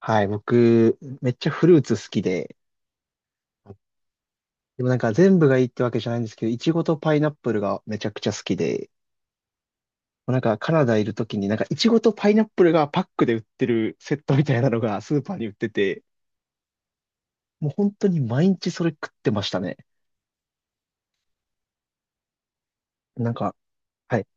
はい、僕、めっちゃフルーツ好きで、でもなんか全部がいいってわけじゃないんですけど、いちごとパイナップルがめちゃくちゃ好きで、もうなんかカナダいるときになんかいちごとパイナップルがパックで売ってるセットみたいなのがスーパーに売ってて、もう本当に毎日それ食ってましたね。なんか、はい。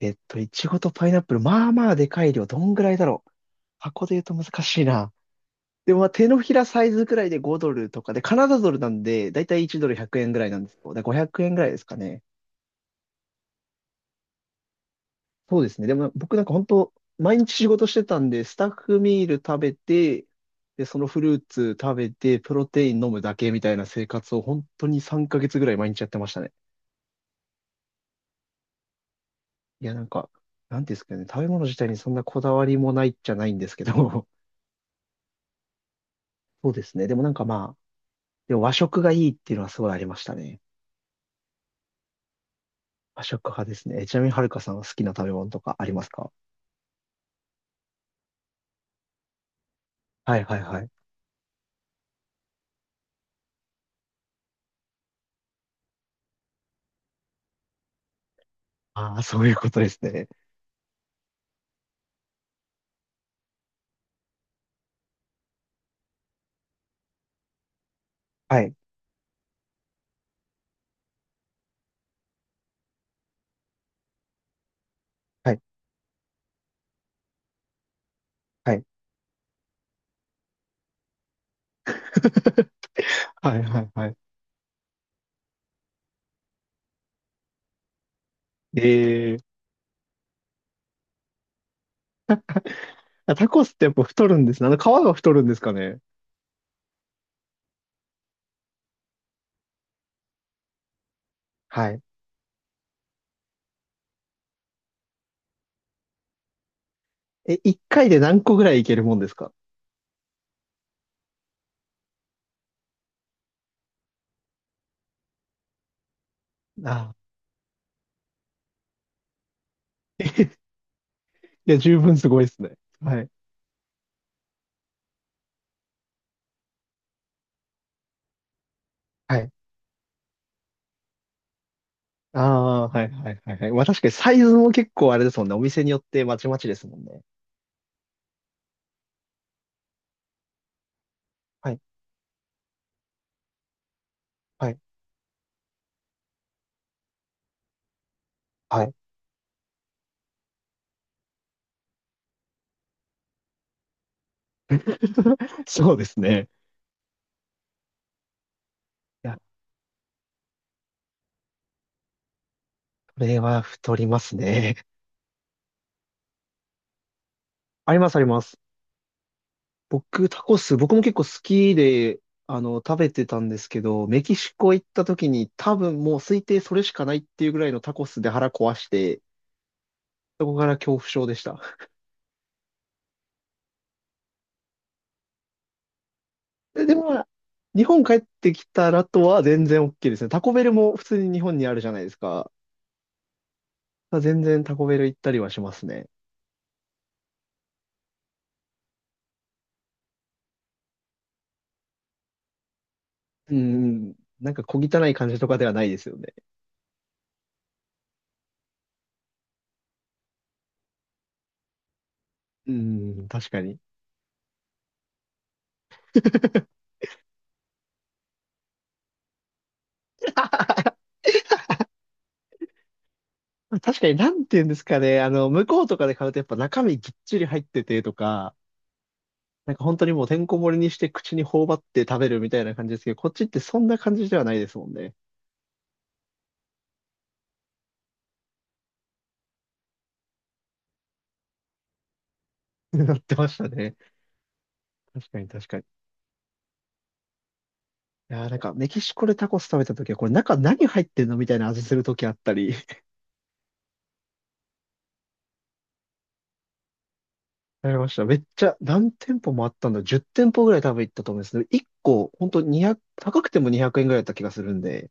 いちごとパイナップル、まあまあでかい量、どんぐらいだろう。箱で言うと難しいな。でもまあ手のひらサイズくらいで5ドルとかで、カナダドルなんで、だいたい1ドル100円ぐらいなんですけど、だから500円ぐらいですかね。そうですね。でも僕なんか本当、毎日仕事してたんで、スタッフミール食べて、で、そのフルーツ食べて、プロテイン飲むだけみたいな生活を本当に3ヶ月ぐらい毎日やってましたね。いや、なんか、なんていうんですかね、食べ物自体にそんなこだわりもないっちゃないんですけど、そうですね。でもなんかまあ、でも和食がいいっていうのはすごいありましたね。和食派ですね。ちなみにはるかさんは好きな食べ物とかありますか？はいはいはい。ああ、そういうことですね。はい、はい、はい。はいはいはい。えタコスってやっぱ太るんですね。あの皮が太るんですかね。はい。一回で何個ぐらいいけるもんですか？ああ。いや、十分すごいですね。はい。はい。ああ、はいはいはいはい。まあ確かにサイズも結構あれですもんね。お店によってまちまちですもんね。はい。はい。はい。そうですね。いや、これは太りますね。ありますあります。僕、タコス、僕も結構好きで、あの、食べてたんですけど、メキシコ行った時に多分もう推定それしかないっていうぐらいのタコスで腹壊して、そこから恐怖症でした。でも、日本帰ってきたらとは全然 OK ですね。タコベルも普通に日本にあるじゃないですか。全然タコベル行ったりはしますね。うん。なんか小汚い感じとかではないですよね。うん、確かに。確かに、なんて言うんですかね。向こうとかで買うとやっぱ中身ぎっちり入っててとか、なんか本当にもうてんこ盛りにして口に頬張って食べるみたいな感じですけど、こっちってそんな感じではないですもんね。なってましたね。確かに確かに。いやーなんかメキシコでタコス食べた時は、これ中何入ってんのみたいな味する時あったり、ありました。めっちゃ何店舗もあったんだ。10店舗ぐらい多分行ったと思うんですけど、1個本当200、高くても200円ぐらいだった気がするんで、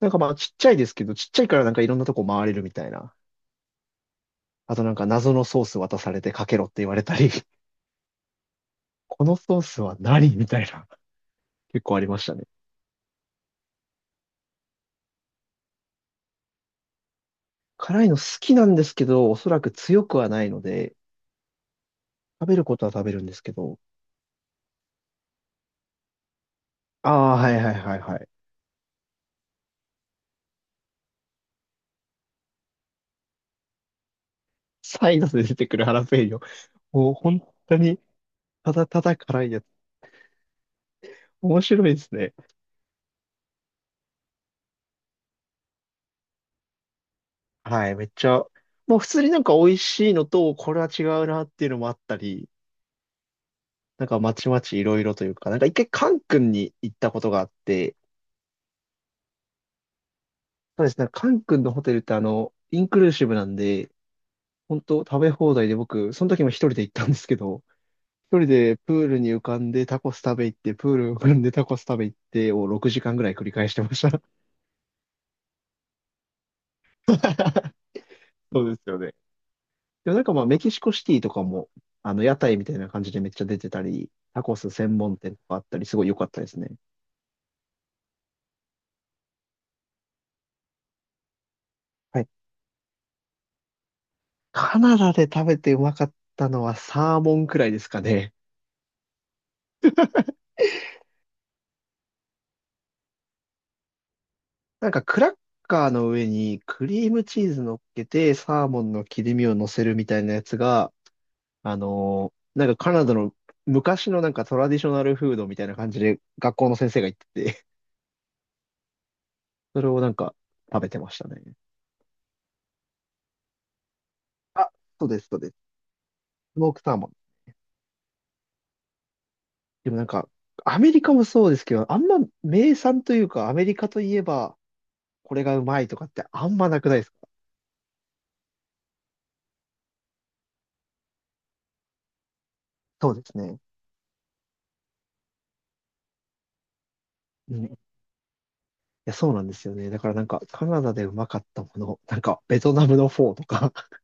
なんかまあちっちゃいですけど、ちっちゃいからなんかいろんなとこ回れるみたいな。あとなんか謎のソース渡されてかけろって言われたり、このソースは何みたいな。結構ありましたね。辛いの好きなんですけど、おそらく強くはないので、食べることは食べるんですけど。ああ、はいはいはいはい。サイドで出てくるハラペーニョ。もう本当に、ただただ辛いやつ。面白いですね。はい、めっちゃ。もう普通になんか美味しいのと、これは違うなっていうのもあったり、なんかまちまちいろいろというか、なんか一回カン君に行ったことがあって、そうですね、カン君のホテルってインクルーシブなんで、本当食べ放題で僕、その時も一人で行ったんですけど、一人でプールに浮かんでタコス食べ行って、プールに浮かんでタコス食べ行ってを6時間ぐらい繰り返してました。そうですよね。でもなんかまあメキシコシティとかも、あの屋台みたいな感じでめっちゃ出てたり、タコス専門店とかあったり、すごい良かったですね。はい。カナダで食べてうまかったのはサーモンくらいですかね。なんかクラッカーの上にクリームチーズ乗っけて、サーモンの切り身を乗せるみたいなやつが、なんかカナダの昔のなんかトラディショナルフードみたいな感じで学校の先生が言ってて、それをなんか食べてましたね。あ、そうです、そうです。スモークサーモン。でもなんか、アメリカもそうですけど、あんま名産というか、アメリカといえば、これがうまいとかってあんまなくないですか？そうですね。うん。いや、そうなんですよね。だからなんか、カナダでうまかったもの、なんか、ベトナムのフォーとか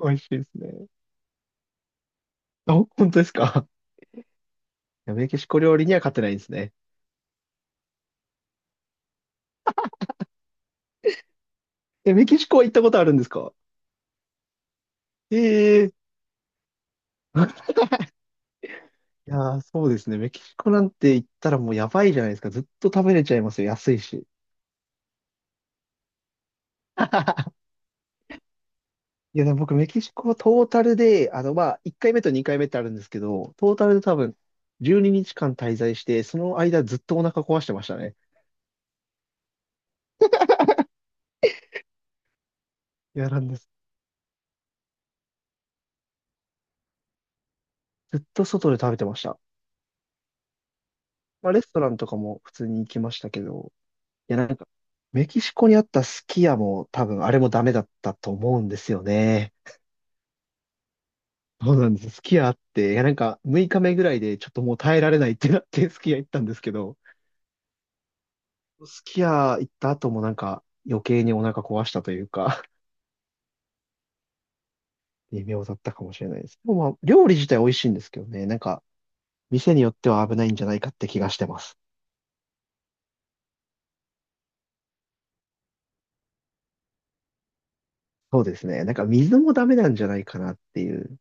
美味しいですね。あ、本当ですか？いやメキシコ料理には勝てないんですね。え、メキシコは行ったことあるんですか？ええいやー、そうですね。メキシコなんて行ったらもうやばいじゃないですか。ずっと食べれちゃいますよ。安いし。いや、でも僕、メキシコはトータルで、1回目と2回目ってあるんですけど、トータルで多分、12日間滞在して、その間ずっとお腹壊してましたね。いや、なんです。ずっと外で食べてました。まあ、レストランとかも普通に行きましたけど、いや、なんか、メキシコにあったスキヤも多分、あれもダメだったと思うんですよね。そうなんです。すき家あって、いやなんか6日目ぐらいでちょっともう耐えられないってなってすき家 行ったんですけど、すき家行った後もなんか余計にお腹壊したというか、微妙だったかもしれないです。でもまあ、料理自体美味しいんですけどね、なんか店によっては危ないんじゃないかって気がしてます。そうですね。なんか水もダメなんじゃないかなっていう。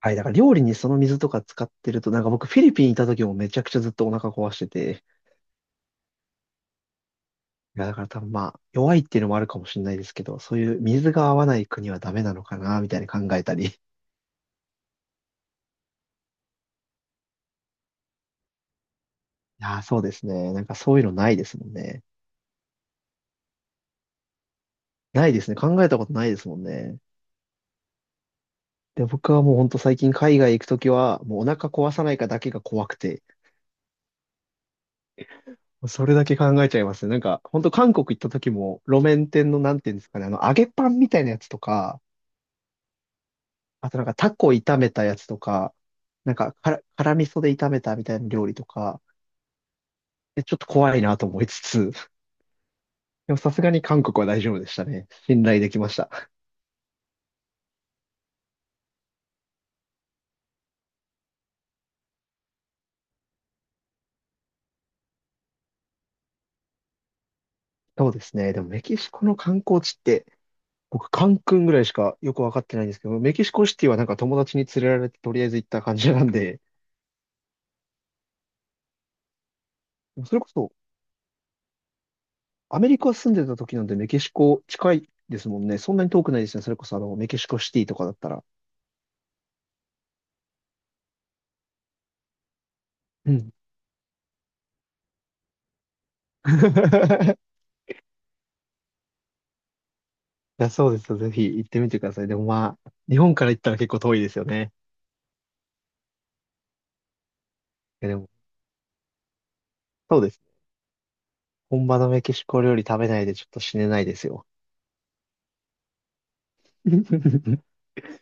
はい、だから料理にその水とか使ってると、なんか僕フィリピンいた時もめちゃくちゃずっとお腹壊してて、いや、だから多分まあ、弱いっていうのもあるかもしれないですけど、そういう水が合わない国はダメなのかな、みたいに考えたり。いや、そうですね。なんかそういうのないですもんね。ないですね。考えたことないですもんね。で、僕はもうほんと最近海外行くときは、もうお腹壊さないかだけが怖くて、それだけ考えちゃいますね。なんか、ほんと韓国行ったときも、路面店のなんていうんですかね、揚げパンみたいなやつとか、あとなんかタコ炒めたやつとか、なんか、辛味噌で炒めたみたいな料理とか、ちょっと怖いなと思いつつ、でもさすがに韓国は大丈夫でしたね。信頼できました。そうですね。でもメキシコの観光地って、僕、カンクンぐらいしかよくわかってないんですけど、メキシコシティはなんか友達に連れられてとりあえず行った感じなんで、それこそアメリカ住んでた時なんでメキシコ近いですもんね。そんなに遠くないですね。それこそあのメキシコシティとかだったら。うん。いや、そうですよ。ぜひ行ってみてください。でもまあ、日本から行ったら結構遠いですよね。いやでも、そうです。本場のメキシコ料理食べないでちょっと死ねないですよ。